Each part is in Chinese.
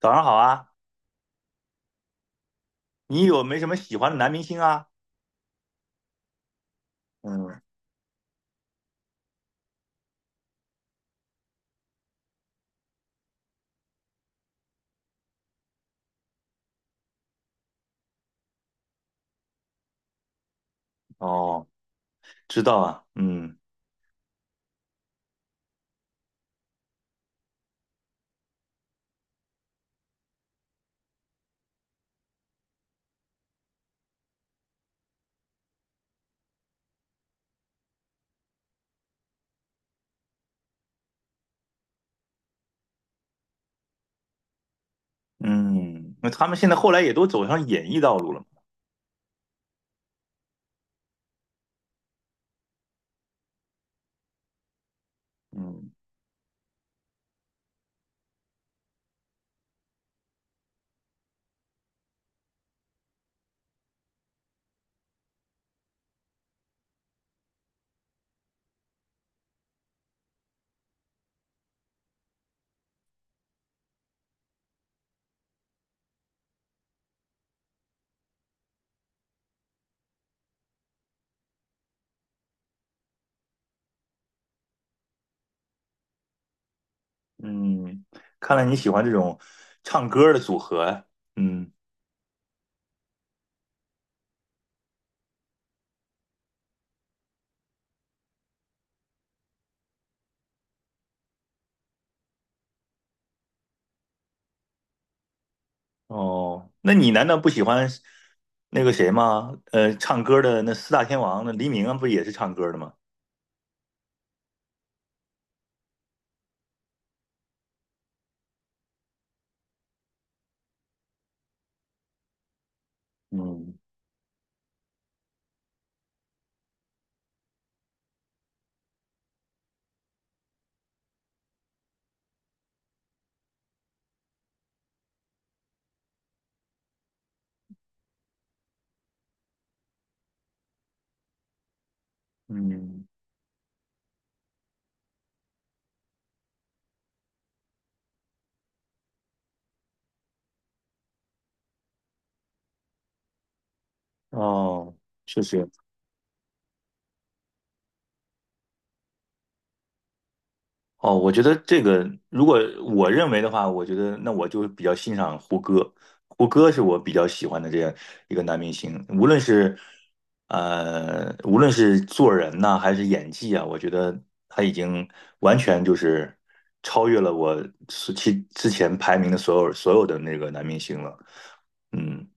早上好啊，你有没什么喜欢的男明星啊？嗯，哦，知道啊，嗯嗯，那他们现在后来也都走上演艺道路了嘛，嗯嗯，看来你喜欢这种唱歌的组合啊，嗯，哦，那你难道不喜欢那个谁吗？唱歌的那四大天王，那黎明啊，不也是唱歌的吗？嗯嗯，哦，确实，哦，我觉得这个，如果我认为的话，我觉得那我就比较欣赏胡歌，胡歌是我比较喜欢的这样一个男明星，无论是做人呐、还是演技啊，我觉得他已经完全就是超越了我之前排名的所有的那个男明星了，嗯。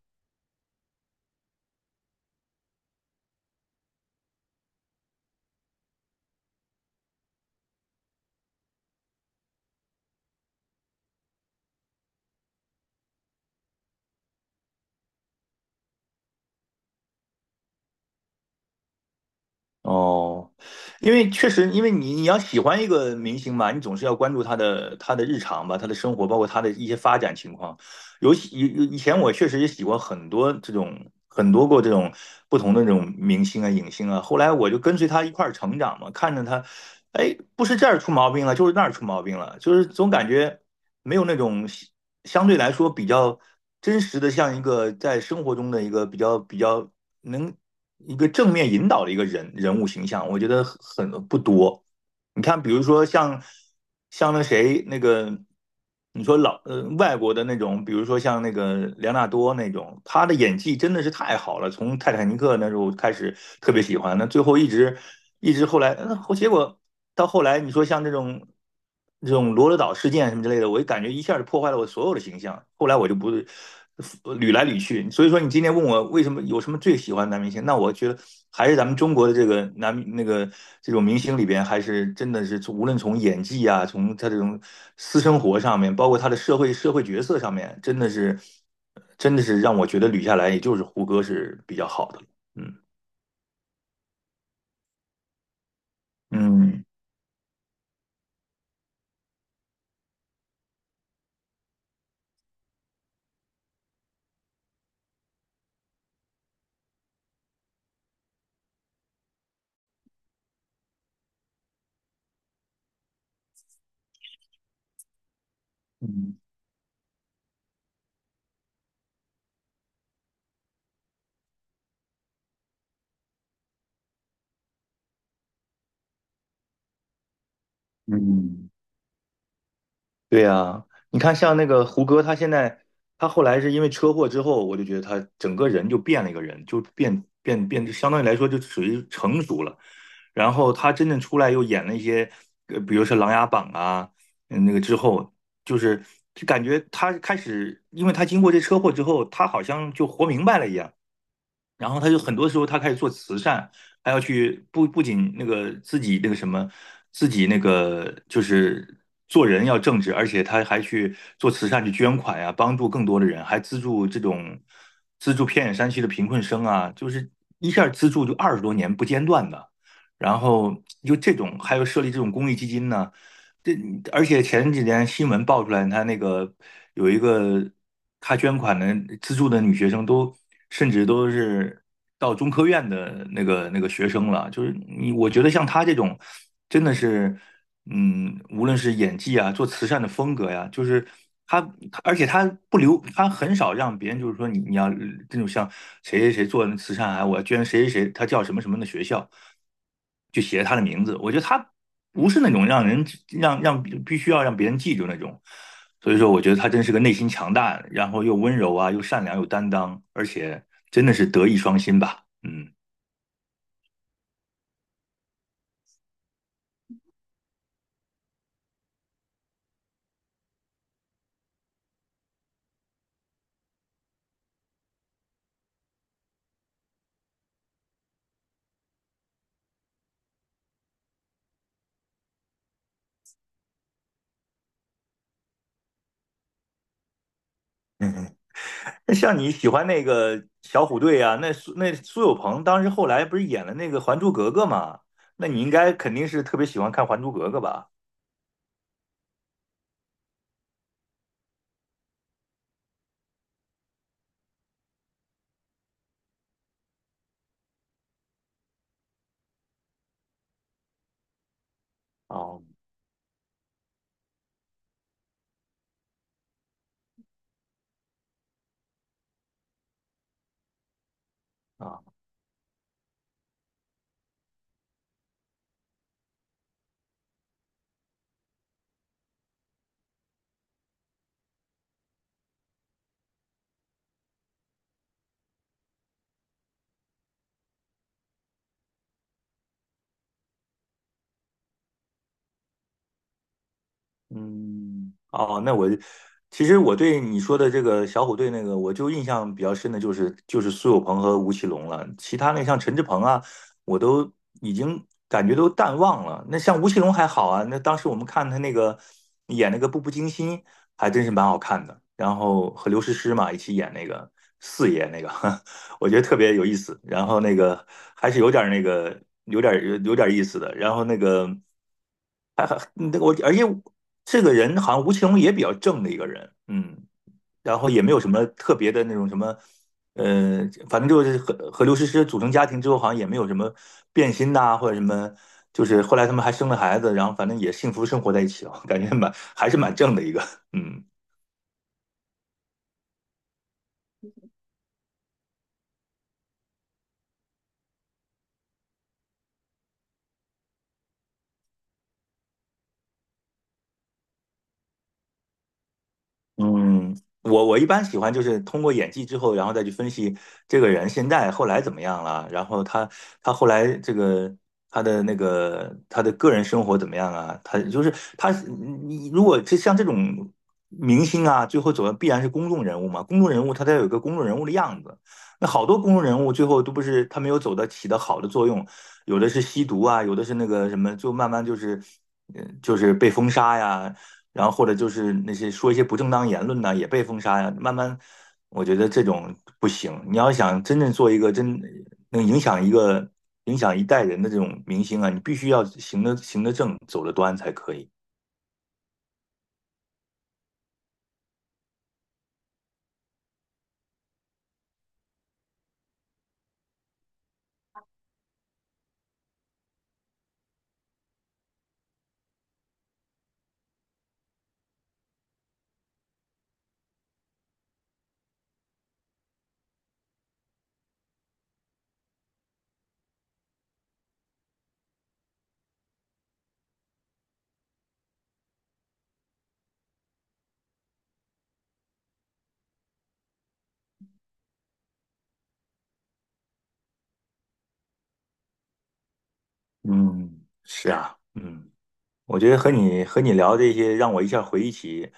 哦，因为确实，因为你要喜欢一个明星嘛，你总是要关注他的日常吧，他的生活，包括他的一些发展情况。尤其以前我确实也喜欢很多这种很多过这种不同的这种明星啊、影星啊。后来我就跟随他一块儿成长嘛，看着他，哎，不是这儿出毛病了，就是那儿出毛病了，就是总感觉没有那种相对来说比较真实的，像一个在生活中的一个比较。能一个正面引导的一个人物形象，我觉得很不多。你看，比如说像那谁那个，你说老外国的那种，比如说像那个梁昂纳多那种，他的演技真的是太好了。从泰坦尼克那时候开始特别喜欢，那最后一直后来，嗯，结果到后来你说像这种罗德岛事件什么之类的，我感觉一下就破坏了我所有的形象。后来我就不捋来捋去，所以说你今天问我为什么有什么最喜欢的男明星，那我觉得还是咱们中国的这个男那个这种明星里边，还是真的是无论从演技啊，从他这种私生活上面，包括他的社会角色上面，真的是让我觉得捋下来，也就是胡歌是比较好的了嗯嗯嗯嗯。对呀，你看像那个胡歌，他现在他后来是因为车祸之后，我就觉得他整个人就变了一个人，就变，就相当于来说就属于成熟了。然后他真正出来又演了一些，比如说《琅琊榜》啊，嗯那个之后，就是感觉他开始，因为他经过这车祸之后，他好像就活明白了一样，然后他就很多时候他开始做慈善，还要去不仅那个自己那个什么，自己那个就是做人要正直，而且他还去做慈善去捐款呀、帮助更多的人，还资助偏远山区的贫困生啊，就是一下资助就20多年不间断的。然后就这种，还有设立这种公益基金呢，这而且前几天新闻爆出来，他那个有一个他捐款的资助的女学生都，甚至都是到中科院的那个学生了。就是你，我觉得像他这种，真的是，嗯，无论是演技啊，做慈善的风格呀，就是他，而且他不留，他很少让别人就是说你要这种像谁谁谁做慈善啊，我要捐谁谁谁，他叫什么什么的学校，就写他的名字。我觉得他不是那种让必须要让别人记住那种。所以说，我觉得他真是个内心强大，然后又温柔啊，又善良，又担当，而且真的是德艺双馨吧。嗯。嗯嗯那像你喜欢那个小虎队啊，那苏有朋当时后来不是演了那个《还珠格格》嘛？那你应该肯定是特别喜欢看《还珠格格》吧？哦啊，嗯，哦，其实我对你说的这个小虎队那个，我就印象比较深的就是苏有朋和吴奇隆了，其他那像陈志朋啊，我都已经感觉都淡忘了。那像吴奇隆还好啊，那当时我们看他那个演那个《步步惊心》，还真是蛮好看的。然后和刘诗诗嘛一起演那个四爷那个，我觉得特别有意思。然后那个还是有点儿那个有点儿有点儿意思的。然后那个。还那个我，而且这个人好像吴奇隆也比较正的一个人，嗯，然后也没有什么特别的那种什么，呃，反正就是和刘诗诗组成家庭之后，好像也没有什么变心呐、或者什么，就是后来他们还生了孩子，然后反正也幸福生活在一起了，感觉蛮还是蛮正的一个，嗯。嗯，我一般喜欢就是通过演技之后，然后再去分析这个人现在后来怎么样了，然后他后来这个他的个人生活怎么样啊？他就是他，你如果就像这种明星啊，最后走的必然是公众人物嘛，公众人物他得有一个公众人物的样子。那好多公众人物最后都不是他没有起到好的作用，有的是吸毒啊，有的是那个什么，就慢慢就是，就是被封杀呀，然后或者就是那些说一些不正当言论呢，也被封杀呀、慢慢，我觉得这种不行。你要想真正做一个能影响一代人的这种明星啊，你必须要行得正，走得端才可以。嗯，是啊，嗯，我觉得和你聊这些，让我一下回忆起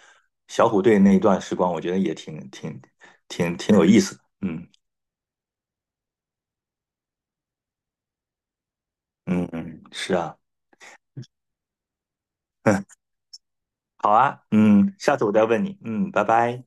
小虎队那一段时光，我觉得也挺有意思的。嗯嗯嗯，是啊，好啊，嗯，下次我再问你。嗯，拜拜。